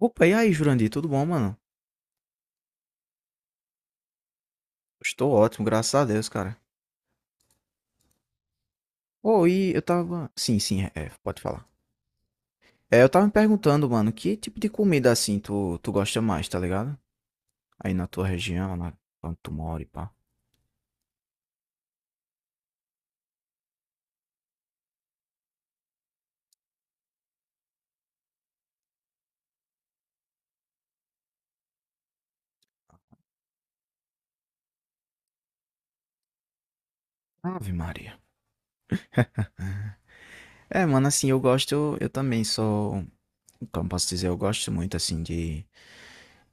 Opa, e aí, Jurandir, tudo bom, mano? Estou ótimo, graças a Deus, cara. Ô, e eu tava. Sim, sim, pode falar. É, eu tava me perguntando, mano, que tipo de comida assim tu gosta mais, tá ligado? Aí na tua região, onde tu mora e pá. Ave Maria. É, mano, assim, eu também sou. Como posso dizer, eu gosto muito, assim, de.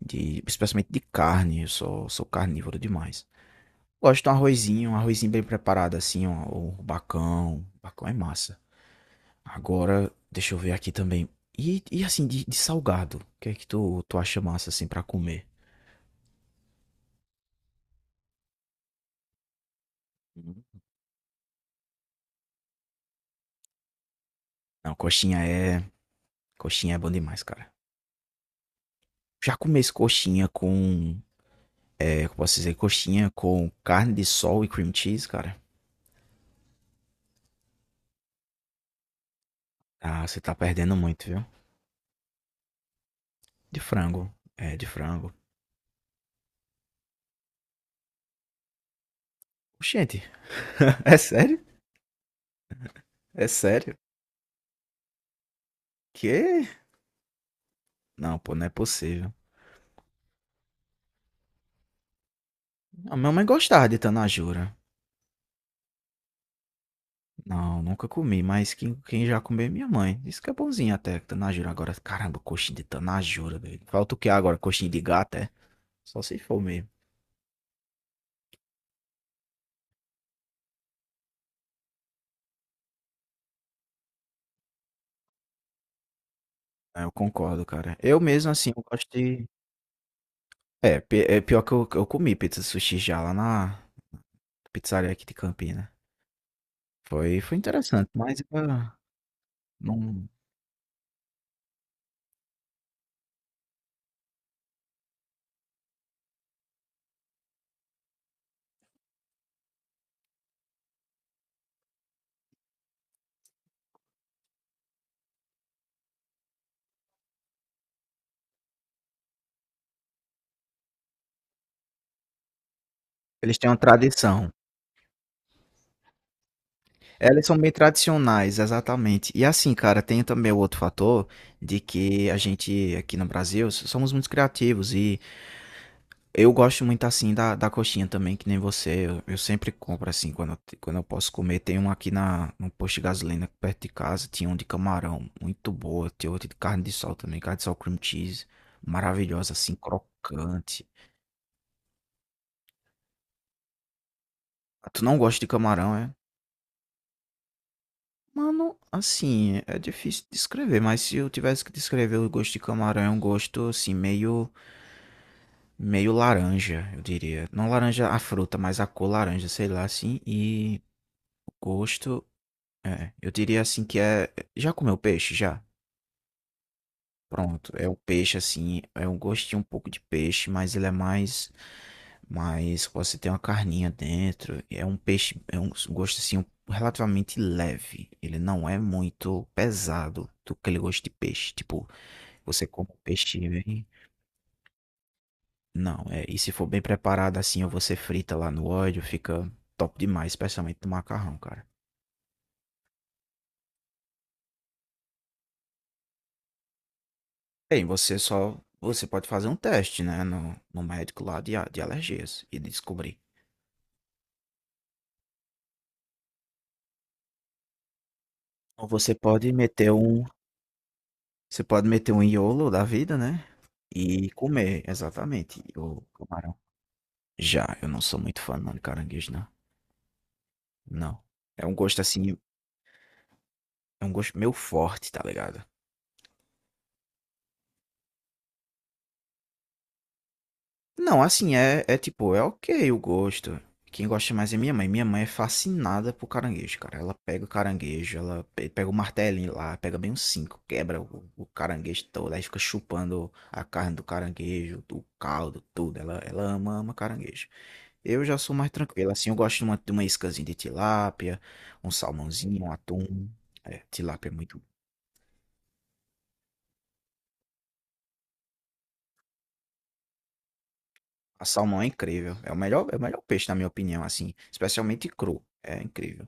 de... Especialmente de carne, eu sou carnívoro demais. Gosto de um arrozinho bem preparado, assim, ó, ou um bacão. Bacão é massa. Agora, deixa eu ver aqui também. E assim, de salgado, o que é que tu acha massa assim pra comer? Uhum. Não, coxinha é. Coxinha é bom demais, cara. Já comi esse coxinha com. É, como posso dizer? Coxinha com carne de sol e cream cheese, cara. Ah, você tá perdendo muito, viu? De frango. É, de frango. Gente, é sério? É sério? Que? Não, pô, não é possível. A minha mãe gostava de tanajura. Não, nunca comi, mas quem já comeu é minha mãe. Isso que é bonzinho até, que tanajura. Agora, caramba, coxinha de tanajura, velho. Falta o que agora? Coxinha de gato, é? Só se for mesmo. É, eu concordo, cara. Eu mesmo, assim, eu gosto de. É, é pior que eu comi pizza de sushi já lá na pizzaria aqui de Campina. Foi interessante, mas ah, não. Eles têm uma tradição. Elas são bem tradicionais, exatamente. E assim, cara, tem também o outro fator de que a gente aqui no Brasil somos muito criativos e eu gosto muito assim da coxinha também, que nem você. Eu sempre compro assim quando eu posso comer. Tem um aqui no posto de gasolina perto de casa. Tinha um de camarão, muito boa. Tem outro de carne de sol também. Carne de sol cream cheese. Maravilhosa, assim, crocante. Ah, tu não gosta de camarão, é? Mano, assim, é difícil descrever, mas se eu tivesse que descrever o gosto de camarão, é um gosto assim, meio, meio laranja, eu diria. Não laranja a fruta, mas a cor laranja, sei lá, assim. E o gosto. É, eu diria assim que é. Já comeu peixe? Já? Pronto. É o peixe assim. É um gostinho um pouco de peixe, mas ele é mais. Mas você tem uma carninha dentro. É um peixe. É um gosto assim um, relativamente leve. Ele não é muito pesado do aquele gosto de peixe. Tipo, você come o peixe bem. Não, é. E se for bem preparado assim, ou você frita lá no óleo, fica top demais, especialmente no macarrão, cara. Bem, você só você pode fazer um teste, né, no médico lá de alergias e descobrir. Ou você pode meter um, você pode meter um iolo da vida, né? E comer, exatamente, o camarão. Já, eu não sou muito fã não, de caranguejo, não. Não. É um gosto assim, é um gosto meio forte, tá ligado? Não, assim, é tipo, é ok o gosto. Quem gosta mais é minha mãe. Minha mãe é fascinada por caranguejo, cara. Ela pega o caranguejo, ela pega o martelinho lá, pega bem uns cinco, quebra o caranguejo todo, aí fica chupando a carne do caranguejo, o caldo, tudo. Ela ama, ama caranguejo. Eu já sou mais tranquilo, assim, eu gosto de uma iscazinha de tilápia, um salmãozinho, um atum. É, tilápia é muito. A salmão é incrível. É o melhor peixe, na minha opinião, assim, especialmente cru. É incrível.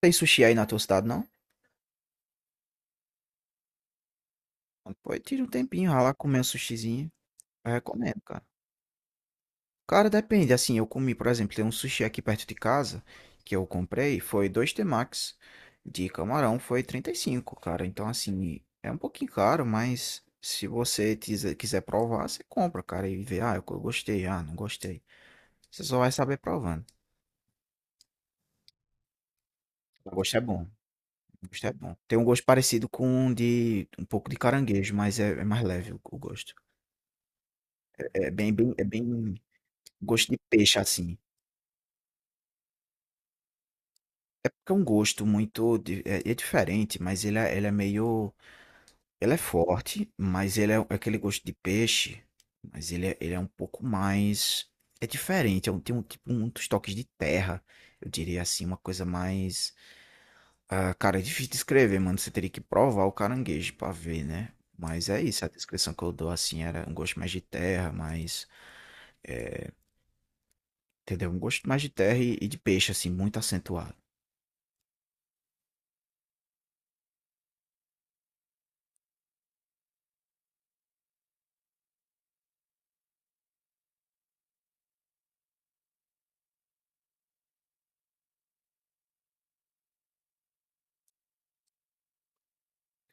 Tem sushi aí na tua cidade, não? Pô, tira um tempinho, vai lá comer um sushizinho. Eu recomendo, cara. Cara, depende. Assim, eu comi, por exemplo, tem um sushi aqui perto de casa que eu comprei. Foi dois temakis de camarão, foi 35, cara. Então, assim, é um pouquinho caro, mas se você quiser provar, você compra, cara, e vê. Ah, eu gostei, ah, não gostei. Você só vai saber provando. O gosto é bom. O gosto é bom. Tem um gosto parecido com um de um pouco de caranguejo, mas é mais leve o gosto. É bem, bem, é bem gosto de peixe, assim. É porque é um gosto muito di é é diferente, mas ele é forte, mas ele é um, é aquele gosto de peixe, mas ele é um pouco mais é diferente, é um tem um tipo muitos toques de terra, eu diria assim, uma coisa mais ah, cara, é difícil descrever, mano, você teria que provar o caranguejo pra ver, né. Mas é isso, a descrição que eu dou, assim, era um gosto mais de terra, eh, entendeu? Um gosto mais de terra e de peixe, assim, muito acentuado.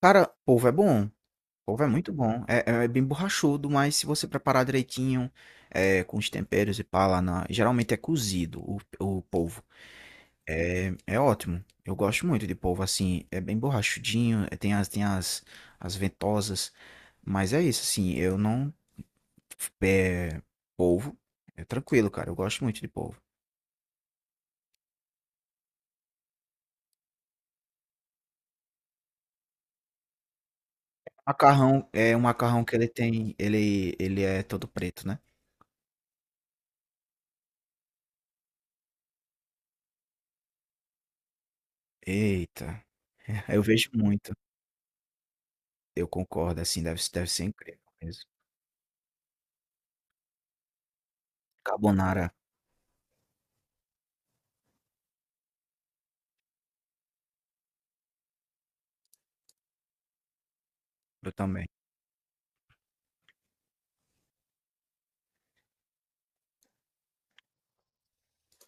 Cara, polvo é bom. Couve é muito bom. É, é bem borrachudo, mas se você preparar direitinho, é, com os temperos e pá lá na. Geralmente é cozido o polvo. É, é ótimo. Eu gosto muito de polvo assim. É bem borrachudinho, é, as ventosas. Mas é isso, assim. Eu não. É, polvo. É tranquilo, cara. Eu gosto muito de polvo. Macarrão é um macarrão que ele tem. Ele é todo preto, né? Eita. Eu vejo muito. Eu concordo, assim. Deve ser incrível mesmo. Carbonara, eu também.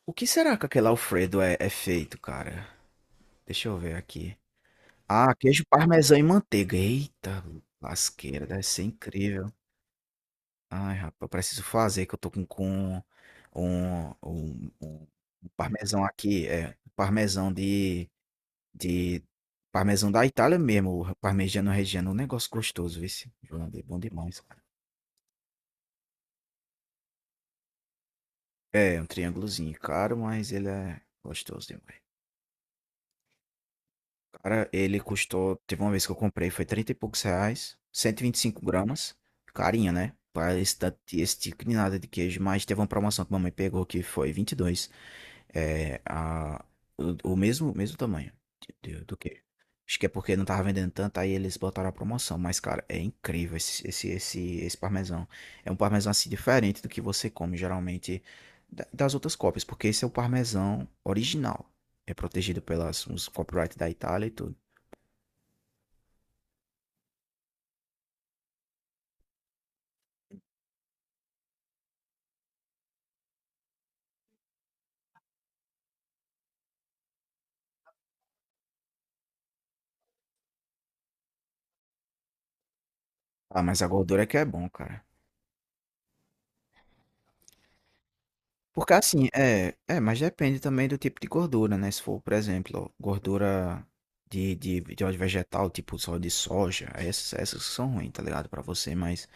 O que será que aquele Alfredo é feito, cara? Deixa eu ver aqui. Ah, queijo parmesão e manteiga. Eita, lasqueira, deve ser incrível. Ai, rapaz, eu preciso fazer, que eu tô com um parmesão aqui, é, de, parmesão da Itália mesmo, o parmegiano reggiano, um negócio gostoso, viu? Esse? É bom demais, cara. É, um triângulozinho caro, mas ele é gostoso demais. Cara, ele custou. Teve uma vez que eu comprei, foi 30 e poucos reais, 125 gramas. Carinha, né? Para esse, esse tipo de nada de queijo. Mas teve uma promoção que mamãe pegou que foi 22. É, o mesmo, mesmo tamanho do queijo. Acho que é porque não tava vendendo tanto, aí eles botaram a promoção. Mas, cara, é incrível esse parmesão. É um parmesão assim diferente do que você come geralmente das outras cópias, porque esse é o parmesão original. É protegido pelas uns copyright da Itália e tudo. Ah, mas a gordura é que é bom, cara. Porque assim, mas depende também do tipo de gordura, né? Se for, por exemplo, gordura de óleo vegetal, tipo só de soja, essas que são ruins, tá ligado? Pra você, mas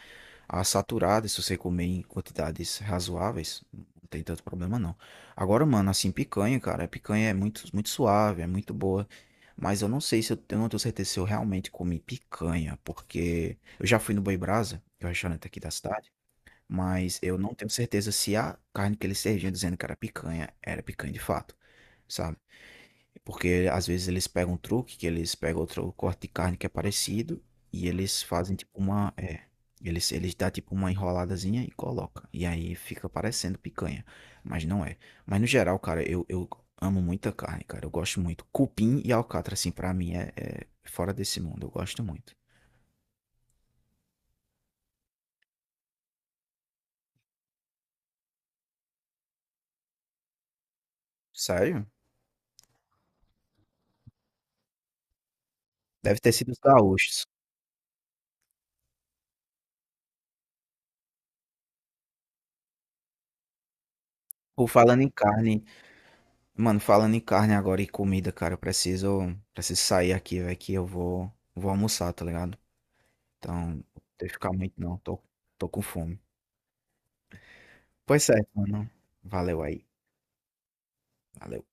a saturada, se você comer em quantidades razoáveis, não tem tanto problema não. Agora, mano, assim, picanha, cara, a picanha é muito, muito suave, é muito boa. Eu não tenho certeza se eu realmente comi picanha, porque eu já fui no Boi Brasa, que é o restaurante aqui da cidade. Mas eu não tenho certeza se a carne que eles serviam dizendo que era picanha de fato, sabe? Porque às vezes eles pegam um truque, que eles pegam outro corte de carne que é parecido e eles fazem tipo eles dá tipo uma enroladazinha e coloca. E aí fica parecendo picanha, mas não é. Mas no geral, cara, eu amo muita carne, cara. Eu gosto muito. Cupim e alcatra, assim, pra mim é, é fora desse mundo. Eu gosto muito. Sério? Deve ter sido os gaúchos. Por falando em carne, Mano, falando em carne agora e comida, cara, eu preciso sair aqui, velho, que eu vou almoçar, tá ligado? Então, não tem que ficar muito não, tô com fome. Pois certo, mano. Valeu aí. Valeu.